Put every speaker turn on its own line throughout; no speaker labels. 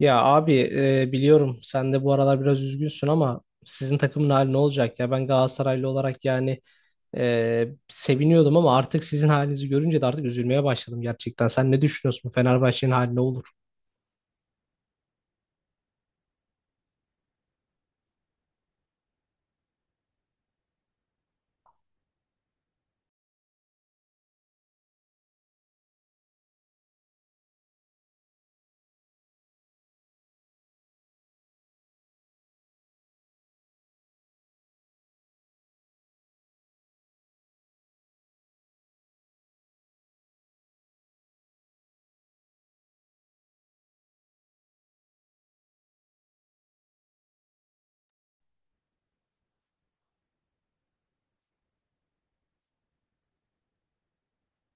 Ya abi, biliyorum sen de bu aralar biraz üzgünsün ama sizin takımın hali ne olacak ya? Ben Galatasaraylı olarak seviniyordum ama artık sizin halinizi görünce de artık üzülmeye başladım gerçekten. Sen ne düşünüyorsun? Bu Fenerbahçe'nin hali ne olur?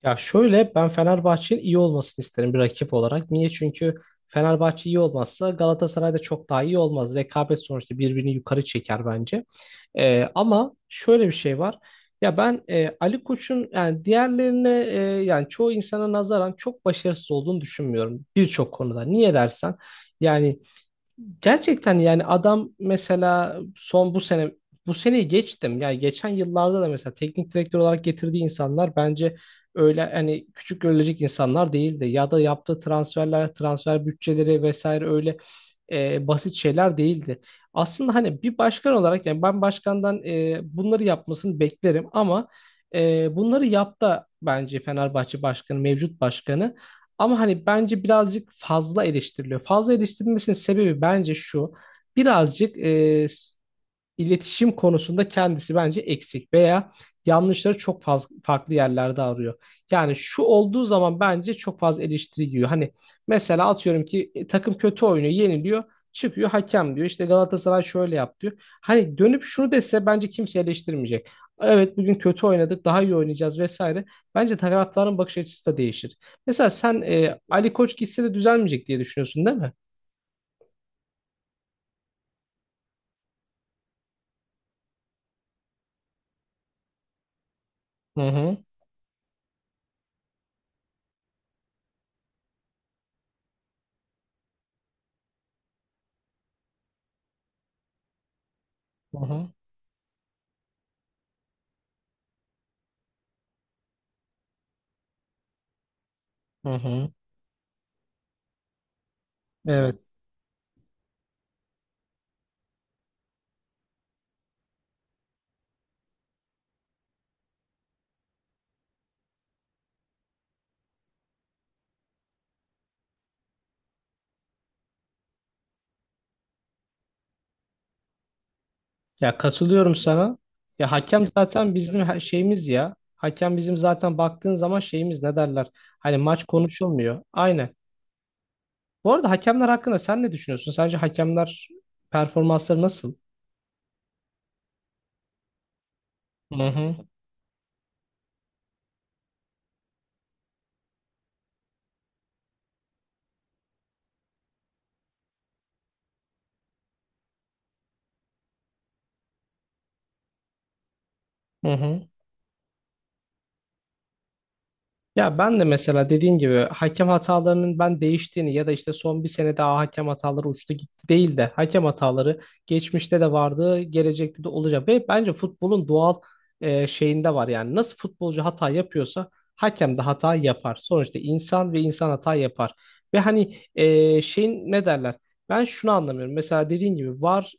Ya şöyle, ben Fenerbahçe'nin iyi olmasını isterim bir rakip olarak. Niye? Çünkü Fenerbahçe iyi olmazsa Galatasaray da çok daha iyi olmaz. Rekabet sonuçta birbirini yukarı çeker bence. Ama şöyle bir şey var. Ya ben Ali Koç'un yani diğerlerine yani çoğu insana nazaran çok başarısız olduğunu düşünmüyorum birçok konuda. Niye dersen yani gerçekten yani adam mesela son bu seneyi geçtim. Yani geçen yıllarda da mesela teknik direktör olarak getirdiği insanlar bence öyle hani küçük görülecek insanlar değildi. Ya da yaptığı transferler, transfer bütçeleri vesaire öyle basit şeyler değildi. Aslında hani bir başkan olarak yani ben başkandan bunları yapmasını beklerim ama bunları yaptı bence Fenerbahçe başkanı, mevcut başkanı. Ama hani bence birazcık fazla eleştiriliyor. Fazla eleştirilmesinin sebebi bence şu. Birazcık iletişim konusunda kendisi bence eksik veya yanlışları çok fazla farklı yerlerde arıyor. Yani şu olduğu zaman bence çok fazla eleştiri yiyor. Hani mesela atıyorum ki takım kötü oynuyor, yeniliyor, çıkıyor hakem diyor, işte Galatasaray şöyle yap diyor. Hani dönüp şunu dese bence kimse eleştirmeyecek. Evet, bugün kötü oynadık, daha iyi oynayacağız vesaire. Bence taraftarın bakış açısı da değişir. Mesela sen Ali Koç gitse de düzelmeyecek diye düşünüyorsun değil mi? Hı hı, hı hı, hı hı. Evet. Ya, katılıyorum sana. Ya hakem zaten bizim her şeyimiz ya. Hakem bizim zaten baktığın zaman şeyimiz ne derler? Hani maç konuşulmuyor. Aynen. Bu arada hakemler hakkında sen ne düşünüyorsun? Sence hakemler performansları nasıl? Hı hı. Hı hı. Ya ben de mesela dediğin gibi hakem hatalarının ben değiştiğini ya da işte son bir sene daha hakem hataları uçtu gitti değil de hakem hataları geçmişte de vardı, gelecekte de olacak ve bence futbolun doğal şeyinde var yani nasıl futbolcu hata yapıyorsa hakem de hata yapar. Sonuçta insan, ve insan hata yapar. Ve hani şeyin ne derler? Ben şunu anlamıyorum. Mesela dediğin gibi var,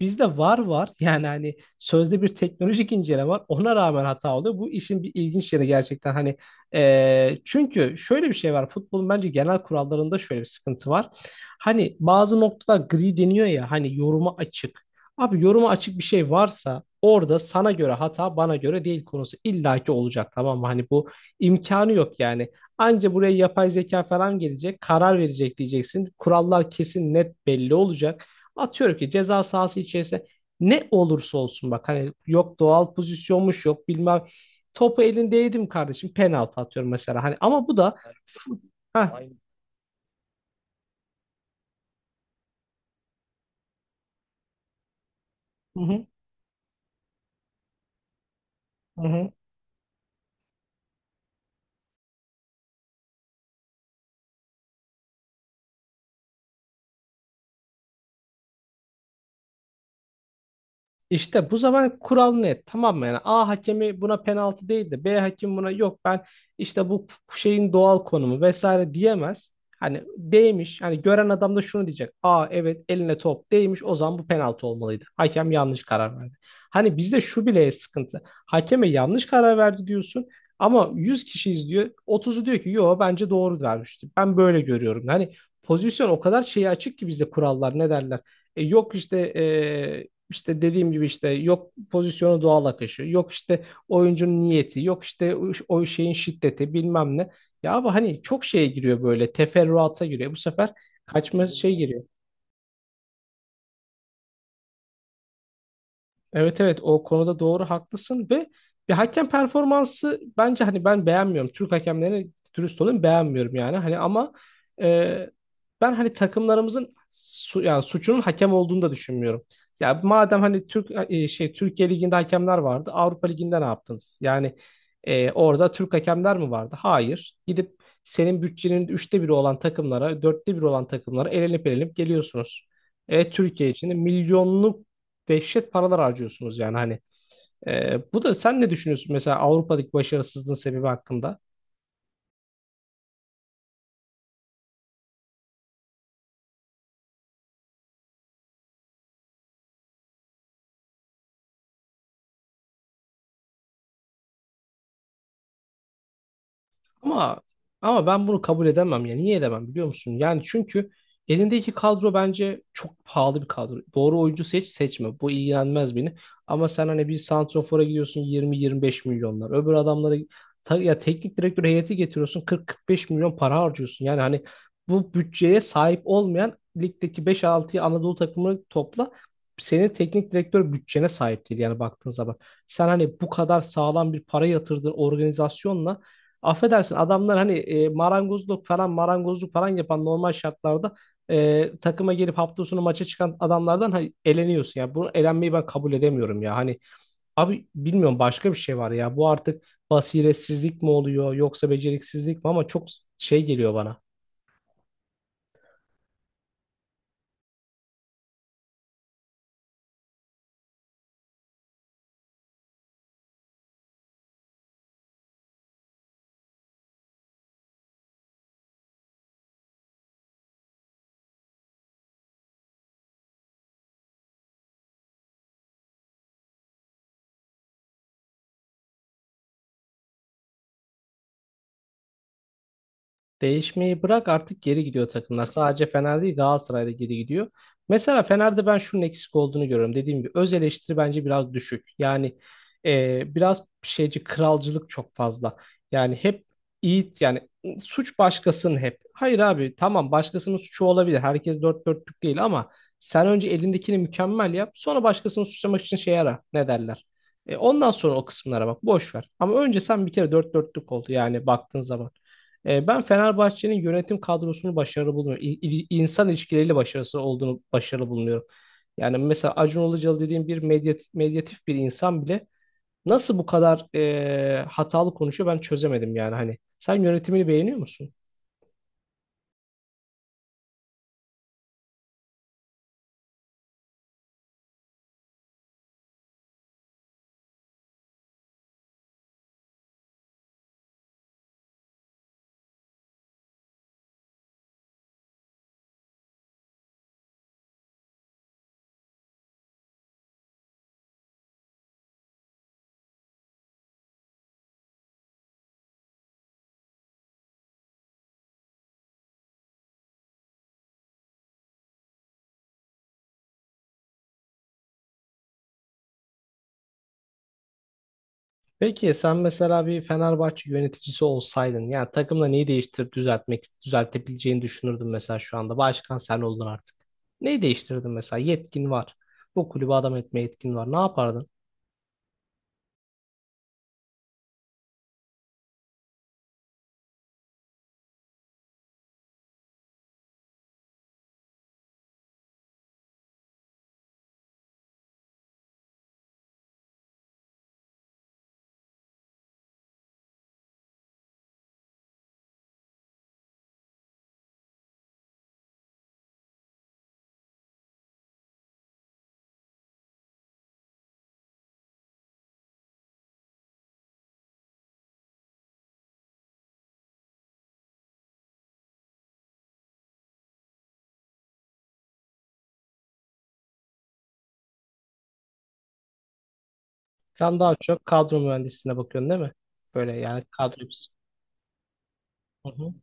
bizde var yani hani sözde bir teknolojik inceleme var. Ona rağmen hata oluyor. Bu işin bir ilginç yeri gerçekten hani çünkü şöyle bir şey var. Futbolun bence genel kurallarında şöyle bir sıkıntı var. Hani bazı noktalar gri deniyor ya, hani yoruma açık. Abi yoruma açık bir şey varsa orada sana göre hata bana göre değil konusu illaki olacak, tamam mı? Hani bu imkanı yok yani. Anca buraya yapay zeka falan gelecek, karar verecek diyeceksin. Kurallar kesin net belli olacak. Atıyorum ki ceza sahası içerisinde ne olursa olsun, bak hani yok doğal pozisyonmuş, yok bilmem, topu elindeydim kardeşim. Penaltı atıyorum mesela. Hani ama bu da yani ha. Hı hı. Hı hı. İşte bu zaman kural net, tamam mı? Yani A hakemi buna penaltı değil de B hakemi buna yok ben işte bu şeyin doğal konumu vesaire diyemez. Hani değmiş, hani gören adam da şunu diyecek: "Aa evet, eline top değmiş, o zaman bu penaltı olmalıydı. Hakem yanlış karar verdi." Hani bizde şu bile sıkıntı. Hakeme yanlış karar verdi diyorsun ama 100 kişi izliyor, otuzu diyor ki yo bence doğru vermişti, ben böyle görüyorum. Hani pozisyon o kadar şeye açık ki, bizde kurallar ne derler. Yok işte, işte dediğim gibi işte yok pozisyonu doğal akışı, yok işte oyuncunun niyeti, yok işte o şeyin şiddeti bilmem ne. Ya abi hani çok şeye giriyor, böyle teferruata giriyor. Bu sefer kaçma şey giriyor. Evet evet, o konuda doğru haklısın ve bir hakem performansı bence hani ben beğenmiyorum. Türk hakemlerini dürüst olayım beğenmiyorum yani. Hani ama e, ben hani takımlarımızın yani suçunun hakem olduğunu da düşünmüyorum. Ya madem hani Türk şey Türkiye Ligi'nde hakemler vardı, Avrupa Ligi'nde ne yaptınız? Orada Türk hakemler mi vardı? Hayır. Gidip senin bütçenin 1/3 olan takımlara, 1/4 olan takımlara elenip elenip geliyorsunuz. E, Türkiye için de milyonluk dehşet paralar harcıyorsunuz yani hani. E, bu da sen ne düşünüyorsun mesela Avrupa'daki başarısızlığın sebebi hakkında? Ama ama ben bunu kabul edemem ya. Niye edemem biliyor musun? Yani çünkü elindeki kadro bence çok pahalı bir kadro. Doğru oyuncu seçme. Bu ilgilenmez beni. Ama sen hani bir santrofora gidiyorsun 20-25 milyonlar. Öbür adamlara ya teknik direktör heyeti getiriyorsun 40-45 milyon para harcıyorsun. Yani hani bu bütçeye sahip olmayan ligdeki beş altı Anadolu takımını topla. Senin teknik direktör bütçene sahip değil yani baktığın zaman. Sen hani bu kadar sağlam bir para yatırdığın organizasyonla, affedersin, adamlar hani marangozluk falan yapan normal şartlarda takıma gelip hafta sonu maça çıkan adamlardan hani eleniyorsun ya. Bunu elenmeyi ben kabul edemiyorum ya. Hani abi bilmiyorum, başka bir şey var ya. Bu artık basiretsizlik mi oluyor yoksa beceriksizlik mi, ama çok şey geliyor bana. Değişmeyi bırak, artık geri gidiyor takımlar. Sadece Fener değil, Galatasaray'da geri gidiyor. Mesela Fener'de ben şunun eksik olduğunu görüyorum. Dediğim gibi öz eleştiri bence biraz düşük. Biraz şeyci kralcılık çok fazla. Yani hep iyi, yani suç başkasının hep. Hayır abi tamam, başkasının suçu olabilir. Herkes dört dörtlük değil ama sen önce elindekini mükemmel yap. Sonra başkasını suçlamak için şey ara, ne derler. E, ondan sonra o kısımlara bak, boş ver. Ama önce sen bir kere dört dörtlük oldu yani baktığın zaman. E, ben Fenerbahçe'nin yönetim kadrosunu başarılı bulmuyorum. İnsan ilişkileriyle başarısı olduğunu başarılı bulmuyorum. Yani mesela Acun Ilıcalı dediğim bir medyatif bir insan bile nasıl bu kadar hatalı konuşuyor ben çözemedim yani hani. Sen yönetimini beğeniyor musun? Peki sen mesela bir Fenerbahçe yöneticisi olsaydın yani takımla neyi değiştirip düzeltebileceğini düşünürdün mesela şu anda. Başkan sen oldun artık. Neyi değiştirdin mesela? Yetkin var. Bu kulübü adam etme yetkin var. Ne yapardın? Sen daha çok kadro mühendisliğine bakıyorsun değil mi? Böyle yani kadro. Hı hı.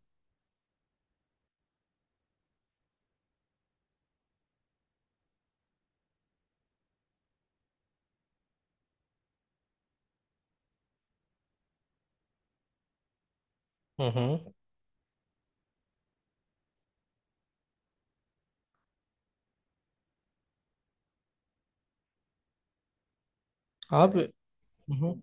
Hı hı. Abi. Yani hı hı.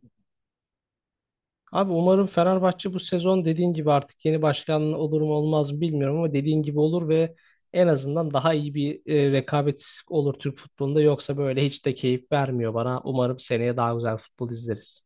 Abi umarım Fenerbahçe bu sezon dediğin gibi artık, yeni başkan olur mu olmaz mı bilmiyorum ama dediğin gibi olur ve en azından daha iyi bir rekabet olur Türk futbolunda. Yoksa böyle hiç de keyif vermiyor bana. Umarım seneye daha güzel futbol izleriz.